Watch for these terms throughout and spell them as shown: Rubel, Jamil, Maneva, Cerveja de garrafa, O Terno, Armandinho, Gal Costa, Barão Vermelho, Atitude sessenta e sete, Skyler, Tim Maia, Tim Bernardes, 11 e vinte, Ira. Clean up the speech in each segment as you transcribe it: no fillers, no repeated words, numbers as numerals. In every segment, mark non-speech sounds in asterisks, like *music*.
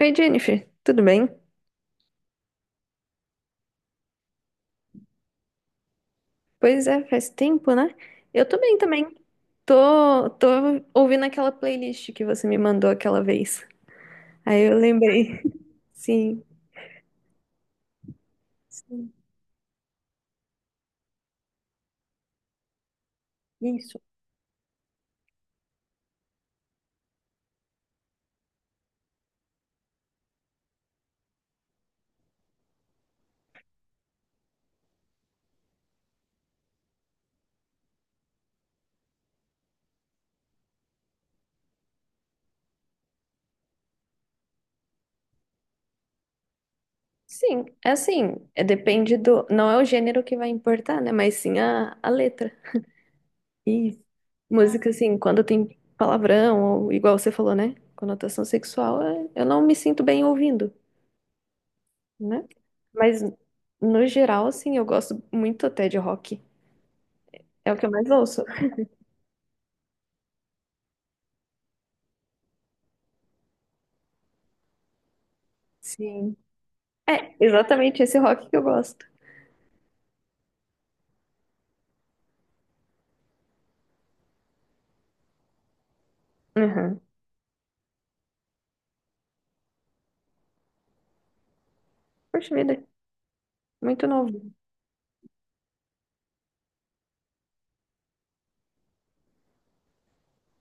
Oi, Jennifer, tudo bem? Pois é, faz tempo, né? Eu tô bem também. Tô ouvindo aquela playlist que você me mandou aquela vez. Aí eu lembrei. *laughs* Sim, sim, isso. Sim, é assim, é, depende do. Não é o gênero que vai importar, né? Mas sim a letra. E música, assim, quando tem palavrão, ou igual você falou, né? Conotação sexual, eu não me sinto bem ouvindo, né? Mas no geral, assim, eu gosto muito até de rock. É o que eu mais ouço. Sim. É, exatamente esse rock que eu gosto. Aham. Poxa vida, muito novo.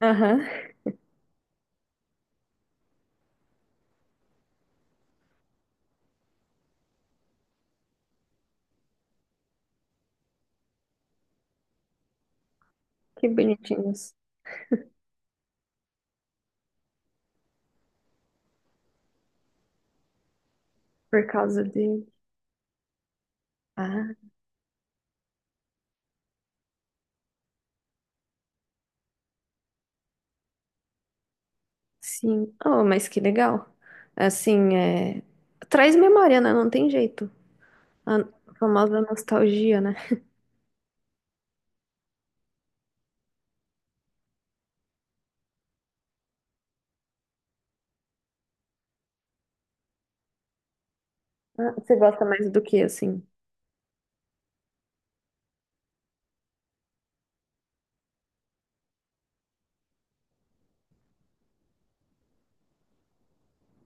Aham. Que bonitinhos. Por causa dele. Ah, sim. Oh, mas que legal. Assim, é... Traz memória, né? Não tem jeito. A famosa nostalgia, né? Ah, você gosta mais do que, assim?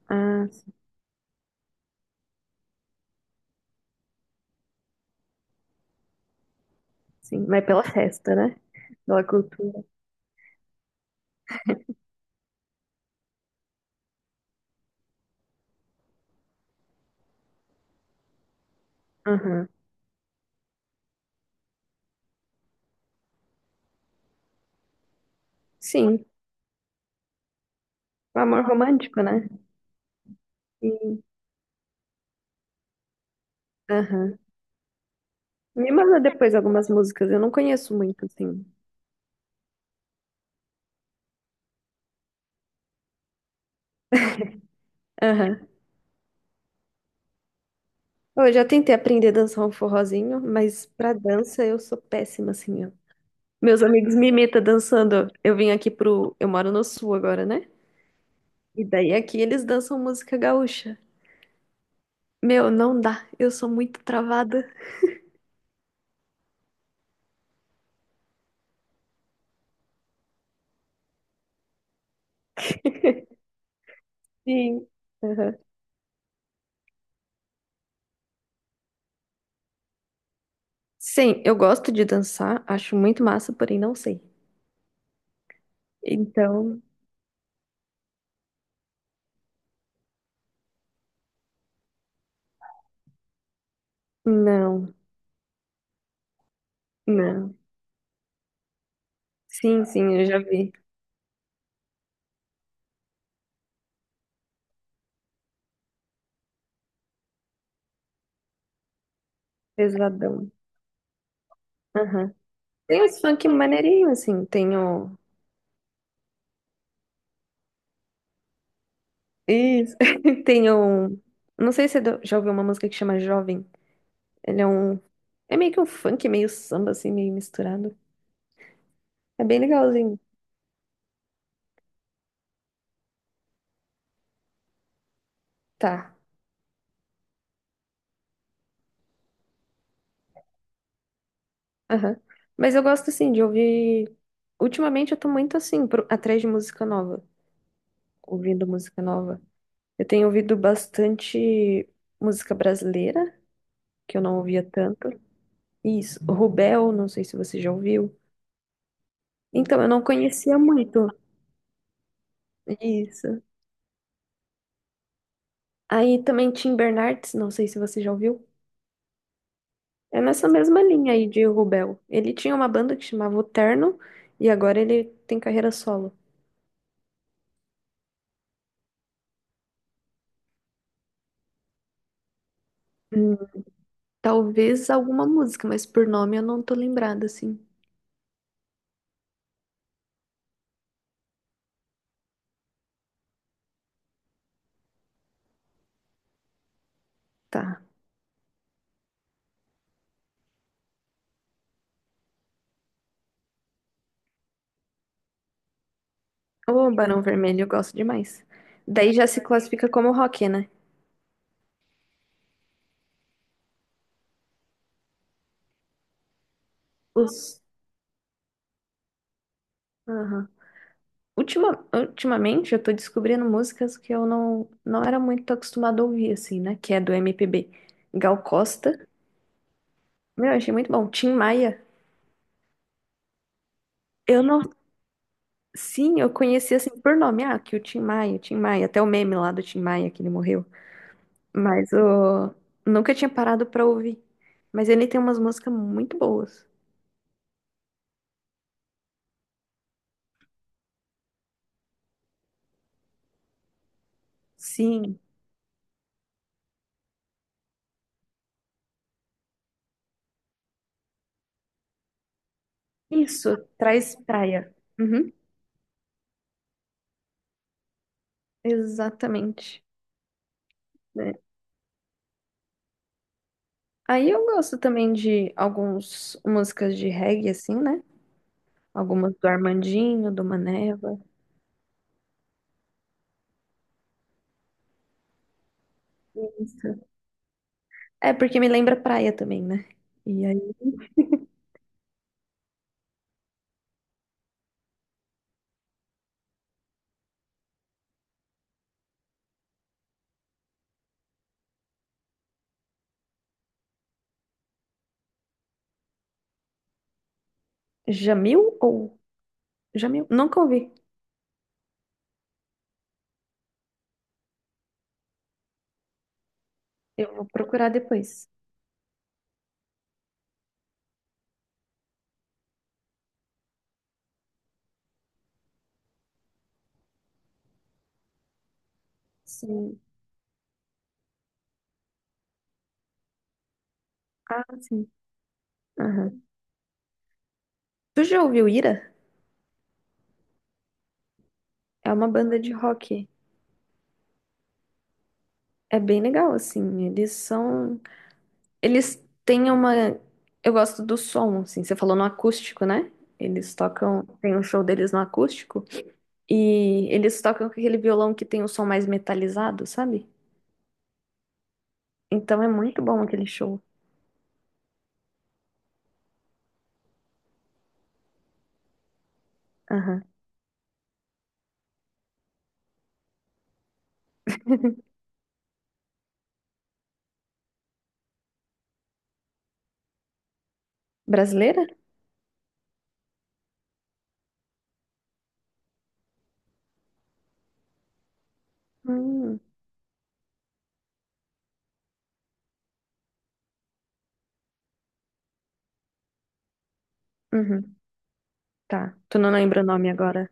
Ah, sim. Sim. Mas pela festa, né? Pela cultura. Aham. Sim. O amor romântico, né? Sim. Aham. Me manda depois algumas músicas, eu não conheço muito, assim. Aham. Eu já tentei aprender a dançar um forrozinho, mas pra dança eu sou péssima, assim. Ó. Meus amigos me imitam dançando. Eu vim aqui pro. Eu moro no sul agora, né? E daí aqui eles dançam música gaúcha. Meu, não dá. Eu sou muito travada. Sim. Aham. Sim, eu gosto de dançar, acho muito massa, porém não sei. Então, não, não. Sim, sim, eu já vi. Pesadão. Aham. Tem uns funk maneirinho, assim. Tem o. Isso. *laughs* Tem o. Não sei se você já ouviu uma música que chama Jovem. Ele é um. É meio que um funk, meio samba, assim, meio misturado. É bem legalzinho. Tá. Aham. Mas eu gosto, assim, de ouvir. Ultimamente eu tô muito, assim, atrás de música nova. Ouvindo música nova. Eu tenho ouvido bastante música brasileira, que eu não ouvia tanto. Isso. Rubel, não sei se você já ouviu. Então, eu não conhecia muito. Isso. Aí também Tim Bernardes, não sei se você já ouviu. É nessa mesma linha aí de Rubel. Ele tinha uma banda que chamava O Terno e agora ele tem carreira solo. Hum. Talvez alguma música, mas por nome eu não tô lembrada assim. Tá. O Barão Vermelho eu gosto demais. Daí já se classifica como rock, né? Os... Aham. Ultimamente eu tô descobrindo músicas que eu não era muito acostumada a ouvir, assim, né? Que é do MPB. Gal Costa. Meu, achei muito bom. Tim Maia. Eu não Sim, eu conheci assim por nome, ah, que o Tim Maia, até o meme lá do Tim Maia que ele morreu. Mas eu nunca tinha parado pra ouvir. Mas ele tem umas músicas muito boas. Sim, isso, traz praia. Uhum, exatamente. Né? Aí eu gosto também de algumas músicas de reggae, assim, né? Algumas do Armandinho, do Maneva. Isso. É, porque me lembra praia também, né? E aí, Jamil ou... Jamil? Nunca ouvi. Eu vou procurar depois. Sim. Ah, sim. Aham. Tu já ouviu Ira? É uma banda de rock. É bem legal, assim. Eles são. Eles têm uma. Eu gosto do som, assim. Você falou no acústico, né? Eles tocam. Tem um show deles no acústico. E eles tocam com aquele violão que tem o som mais metalizado, sabe? Então é muito bom aquele show. Aham. Brasileira? Hum. Uhum. Tá. Tu não lembra o nome agora?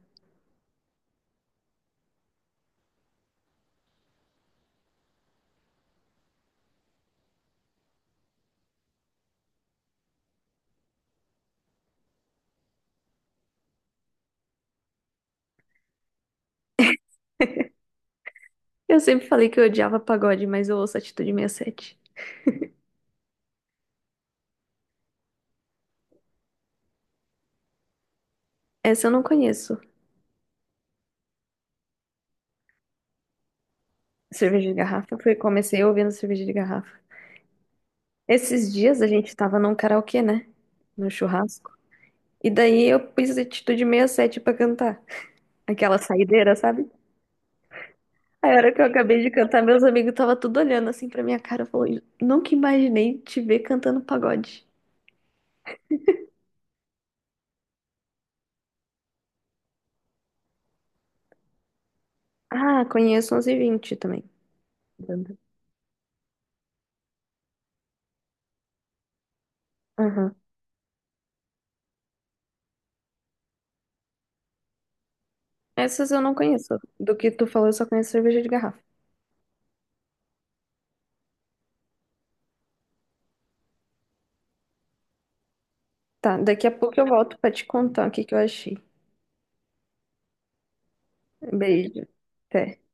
Eu sempre falei que eu odiava pagode, mas eu ouço Atitude 67. Essa eu não conheço. Cerveja de garrafa, foi, comecei ouvindo cerveja de garrafa. Esses dias a gente tava num karaokê, né? No churrasco. E daí eu pus atitude 67 pra cantar. Aquela saideira, sabe? A hora que eu acabei de cantar, meus amigos estavam tudo olhando assim pra minha cara. Falou, "Eu nunca imaginei te ver cantando pagode." Ah, conheço 11 e vinte também. Banda. Aham. Essas eu não conheço. Do que tu falou, eu só conheço cerveja de garrafa. Tá, daqui a pouco eu volto pra te contar o que que eu achei. Beijo. Até.